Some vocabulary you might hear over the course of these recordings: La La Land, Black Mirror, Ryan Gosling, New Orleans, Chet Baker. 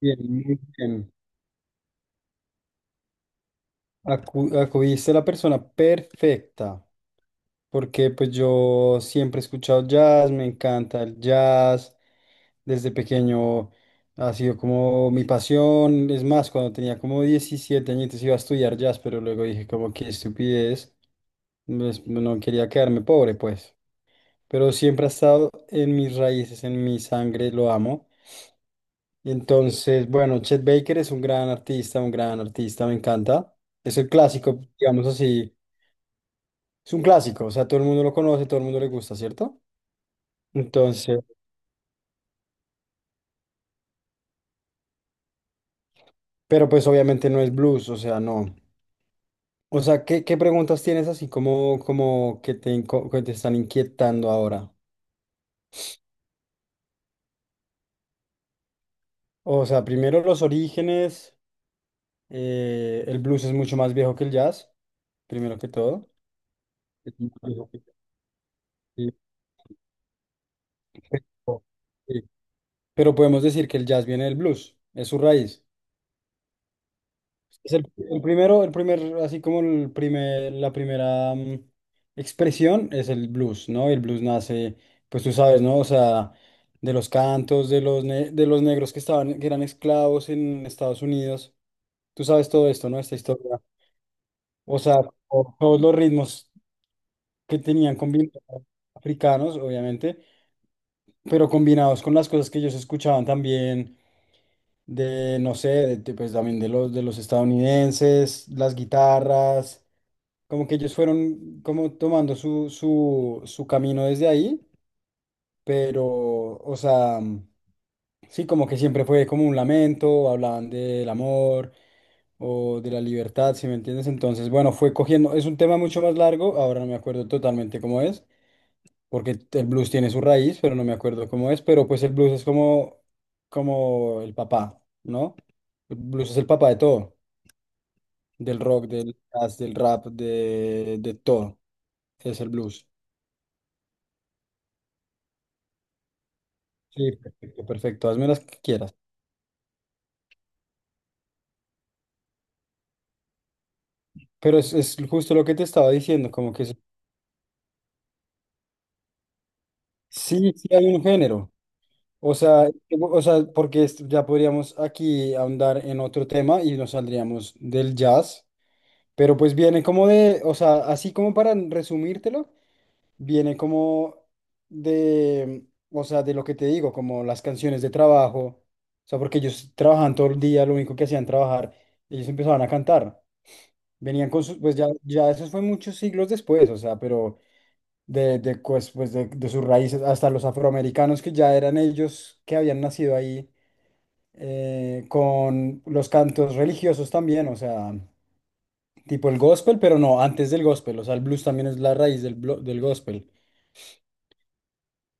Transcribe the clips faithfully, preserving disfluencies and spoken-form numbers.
Bien, muy bien. Acu- acudiste a la persona perfecta, porque pues yo siempre he escuchado jazz, me encanta el jazz, desde pequeño ha sido como mi pasión, es más, cuando tenía como diecisiete añitos iba a estudiar jazz, pero luego dije como qué estupidez, pues, no quería quedarme pobre pues, pero siempre ha estado en mis raíces, en mi sangre, lo amo. Y entonces, bueno, Chet Baker es un gran artista, un gran artista, me encanta. Es el clásico, digamos así, es un clásico, o sea, todo el mundo lo conoce, todo el mundo le gusta, ¿cierto? Entonces, pero pues obviamente no es blues, o sea, no. O sea, ¿qué, qué preguntas tienes así como, como que te, inco- que te están inquietando ahora? O sea, primero los orígenes, eh, el blues es mucho más viejo que el jazz, primero que todo. Es mucho más viejo que sí. Sí. Pero podemos decir que el jazz viene del blues, es su raíz. Es el, el primero, el primer, así como el primer, la primera mm, expresión es el blues, ¿no? El blues nace, pues tú sabes, ¿no? O sea, de los cantos, de los, ne- de los negros que estaban, que eran esclavos en Estados Unidos. Tú sabes todo esto, ¿no? Esta historia. O sea, to- todos los ritmos que tenían combinados africanos, obviamente, pero combinados con las cosas que ellos escuchaban también de, no sé, de- de, pues también de los, de los estadounidenses, las guitarras. Como que ellos fueron como tomando su, su, su camino desde ahí, pero, o sea, sí, como que siempre fue como un lamento, hablaban del amor o de la libertad, si me entiendes. Entonces, bueno, fue cogiendo, es un tema mucho más largo, ahora no me acuerdo totalmente cómo es, porque el blues tiene su raíz, pero no me acuerdo cómo es, pero pues el blues es como, como el papá, ¿no? El blues es el papá de todo del rock, del jazz, del rap, de, de todo. Es el blues. Sí, perfecto, perfecto. Hazme las que quieras. Pero es, es justo lo que te estaba diciendo, como que es- sí, sí hay un género. O sea, o sea, porque es- ya podríamos aquí ahondar en otro tema y nos saldríamos del jazz, pero pues viene como de, o sea, así como para resumírtelo, viene como de, o sea, de lo que te digo, como las canciones de trabajo, o sea, porque ellos trabajaban todo el día, lo único que hacían trabajar, ellos empezaban a cantar, venían con sus, pues ya, ya eso fue muchos siglos después, o sea, pero de, de, pues, pues de, de sus raíces, hasta los afroamericanos que ya eran ellos que habían nacido ahí, eh, con los cantos religiosos también, o sea, tipo el gospel, pero no, antes del gospel, o sea, el blues también es la raíz del, blo- del gospel.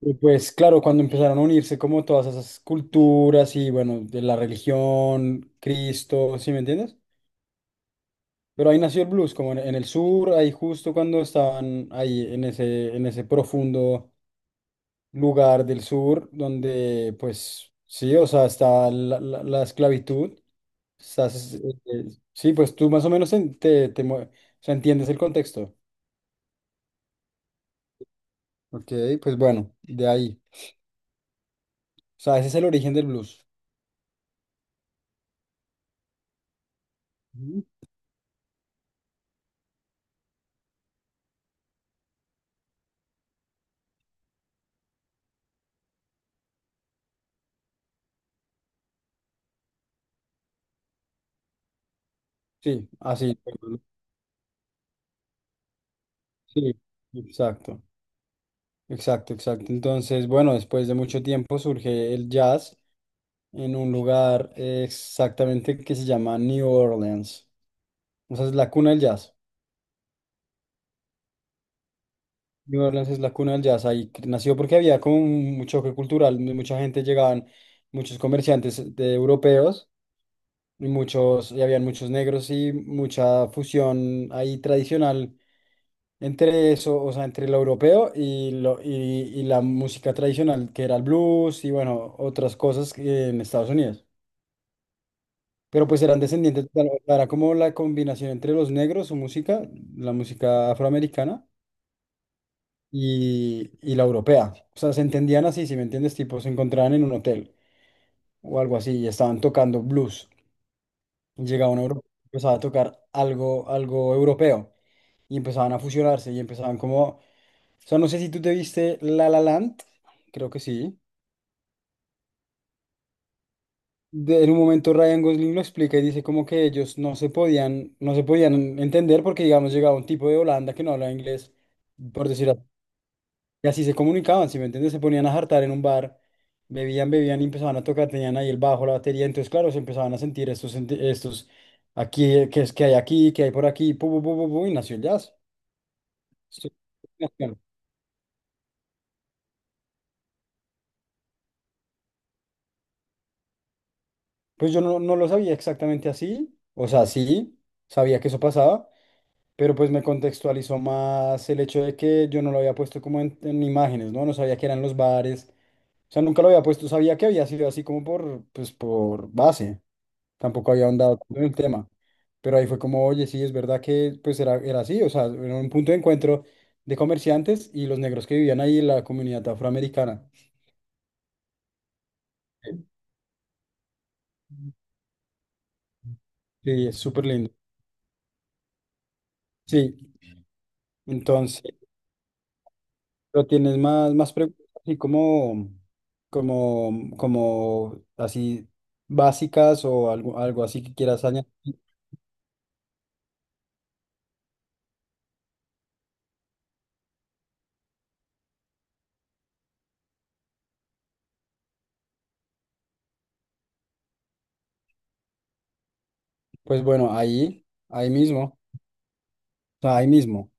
Y pues claro, cuando empezaron a unirse como todas esas culturas y bueno, de la religión, Cristo, ¿sí me entiendes? Pero ahí nació el blues, como en, en el sur, ahí justo cuando estaban ahí en ese, en ese profundo lugar del sur, donde pues sí, o sea, está la, la- la esclavitud, estás, eh, eh, sí, pues tú más o menos en- te, te, mue- o sea, entiendes el contexto. Ok, pues bueno, de ahí. O sea, ese es el origen del blues. Ujú. Sí, así. Sí, exacto, exacto, exacto. Entonces, bueno, después de mucho tiempo surge el jazz en un lugar eh, exactamente que se llama New Orleans. O sea, es la cuna del jazz. New Orleans es la cuna del jazz. Ahí cre- nació porque había como un un choque cultural. mu- Mucha gente llegaban, muchos comerciantes de europeos y muchos, y habían muchos negros y mucha fusión ahí tradicional. Entre eso, o sea, entre lo europeo y, lo, y, y la música tradicional, que era el blues y bueno, otras cosas que en Estados Unidos. Pero pues eran descendientes, claro, era como la combinación entre los negros, su música, la música afroamericana y, y la europea. O sea, se entendían así, si me entiendes, tipo, se encontraban en un hotel o algo así y estaban tocando blues. Llegaba un europeo, empezaba a tocar algo, algo europeo y empezaban a fusionarse y empezaban como. O sea, no sé si tú te viste La La Land, creo que sí. De- en un momento Ryan Gosling lo explica y dice como que ellos no se podían, no se podían entender porque, digamos, llegaba un tipo de Holanda que no hablaba inglés, por decir así, y así se comunicaban, ¿si me entiendes? Se ponían a jartar en un bar, bebían, bebían y empezaban a tocar, tenían ahí el bajo, la batería, entonces, claro, se empezaban a sentir estos, senti- estos, aquí, que es que hay aquí, que hay por aquí, pu, pu, pu, pu, pu, y nació el jazz. Esto- Pues yo no, no lo sabía exactamente así, o sea, sí, sabía que eso pasaba. Pero pues me contextualizó más el hecho de que yo no lo había puesto como en, en imágenes, ¿no? No sabía que eran los bares. O sea, nunca lo había puesto, sabía que había sido así como por, pues, por base. Tampoco había ahondado tanto en el tema. Pero ahí fue como, oye, sí, es verdad que pues era, era así, o sea, era un punto de encuentro de comerciantes y los negros que vivían ahí en la comunidad afroamericana. Sí, es súper lindo. Sí, entonces. Pero tienes más, más preguntas así como, como, como así básicas o algo, algo así que quieras añadir. Pues bueno, ahí, ahí mismo, o sea, ahí mismo.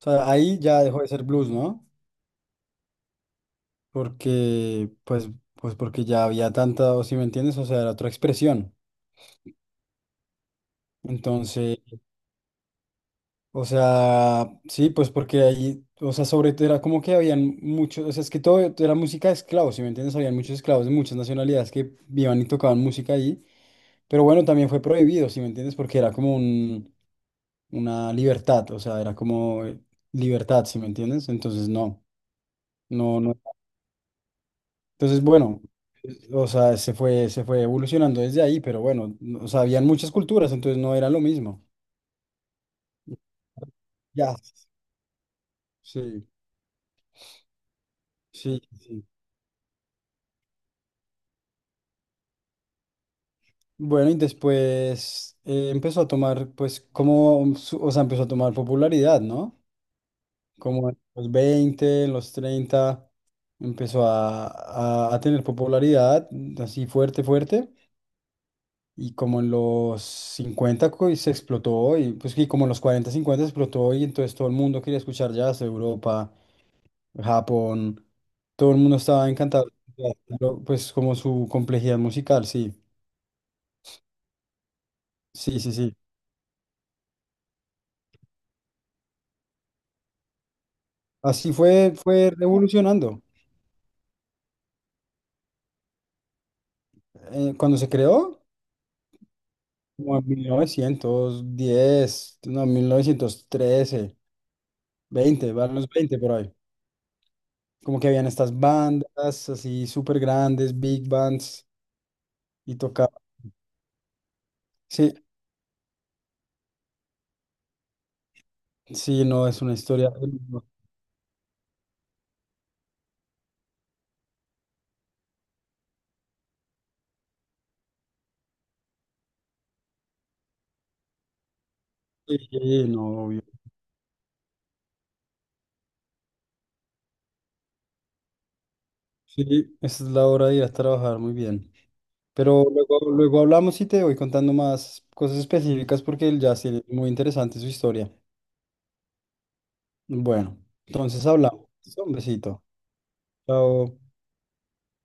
O sea, ahí ya dejó de ser blues, ¿no? Porque, pues, pues porque ya había tanta, o si me entiendes, o sea, era otra expresión. Entonces. O sea, sí, pues porque ahí, o sea, sobre todo era como que habían muchos, o sea, es que todo era música de esclavos, ¿si me entiendes? Habían muchos esclavos de muchas nacionalidades que iban y tocaban música ahí, pero bueno, también fue prohibido, ¿si me entiendes? Porque era como un, una libertad, o sea, era como eh, libertad, ¿si me entiendes? Entonces, no, no, no. Entonces, bueno, o sea, se fue, se fue evolucionando desde ahí, pero bueno, o sea, habían muchas culturas, entonces no era lo mismo. Ya, sí, sí, sí. Bueno, y después eh, empezó a tomar, pues, como, su- o sea, empezó a tomar popularidad, ¿no? Como en los veinte en los treinta empezó a, a- a tener popularidad así fuerte, fuerte. Y como en los cincuenta co- se explotó, y pues que como en los cuarenta cincuenta explotó, y entonces todo el mundo quería escuchar jazz, Europa, Japón, todo el mundo estaba encantado, lo- pues como su complejidad musical, sí, sí, sí, sí. Así fue, fue revolucionando. Eh, cuando se creó, como en mil novecientos diez no, mil novecientos trece, veinte, van los veinte por ahí. Como que habían estas bandas así súper grandes, big bands, y tocaba. Sí, sí, no, es una historia. Sí, sí, no, obvio. Sí, esa es la hora de ir a trabajar, muy bien. Pero luego, luego hablamos y te voy contando más cosas específicas porque el jazz tiene muy interesante su historia. Bueno, entonces hablamos. Un besito. Chao.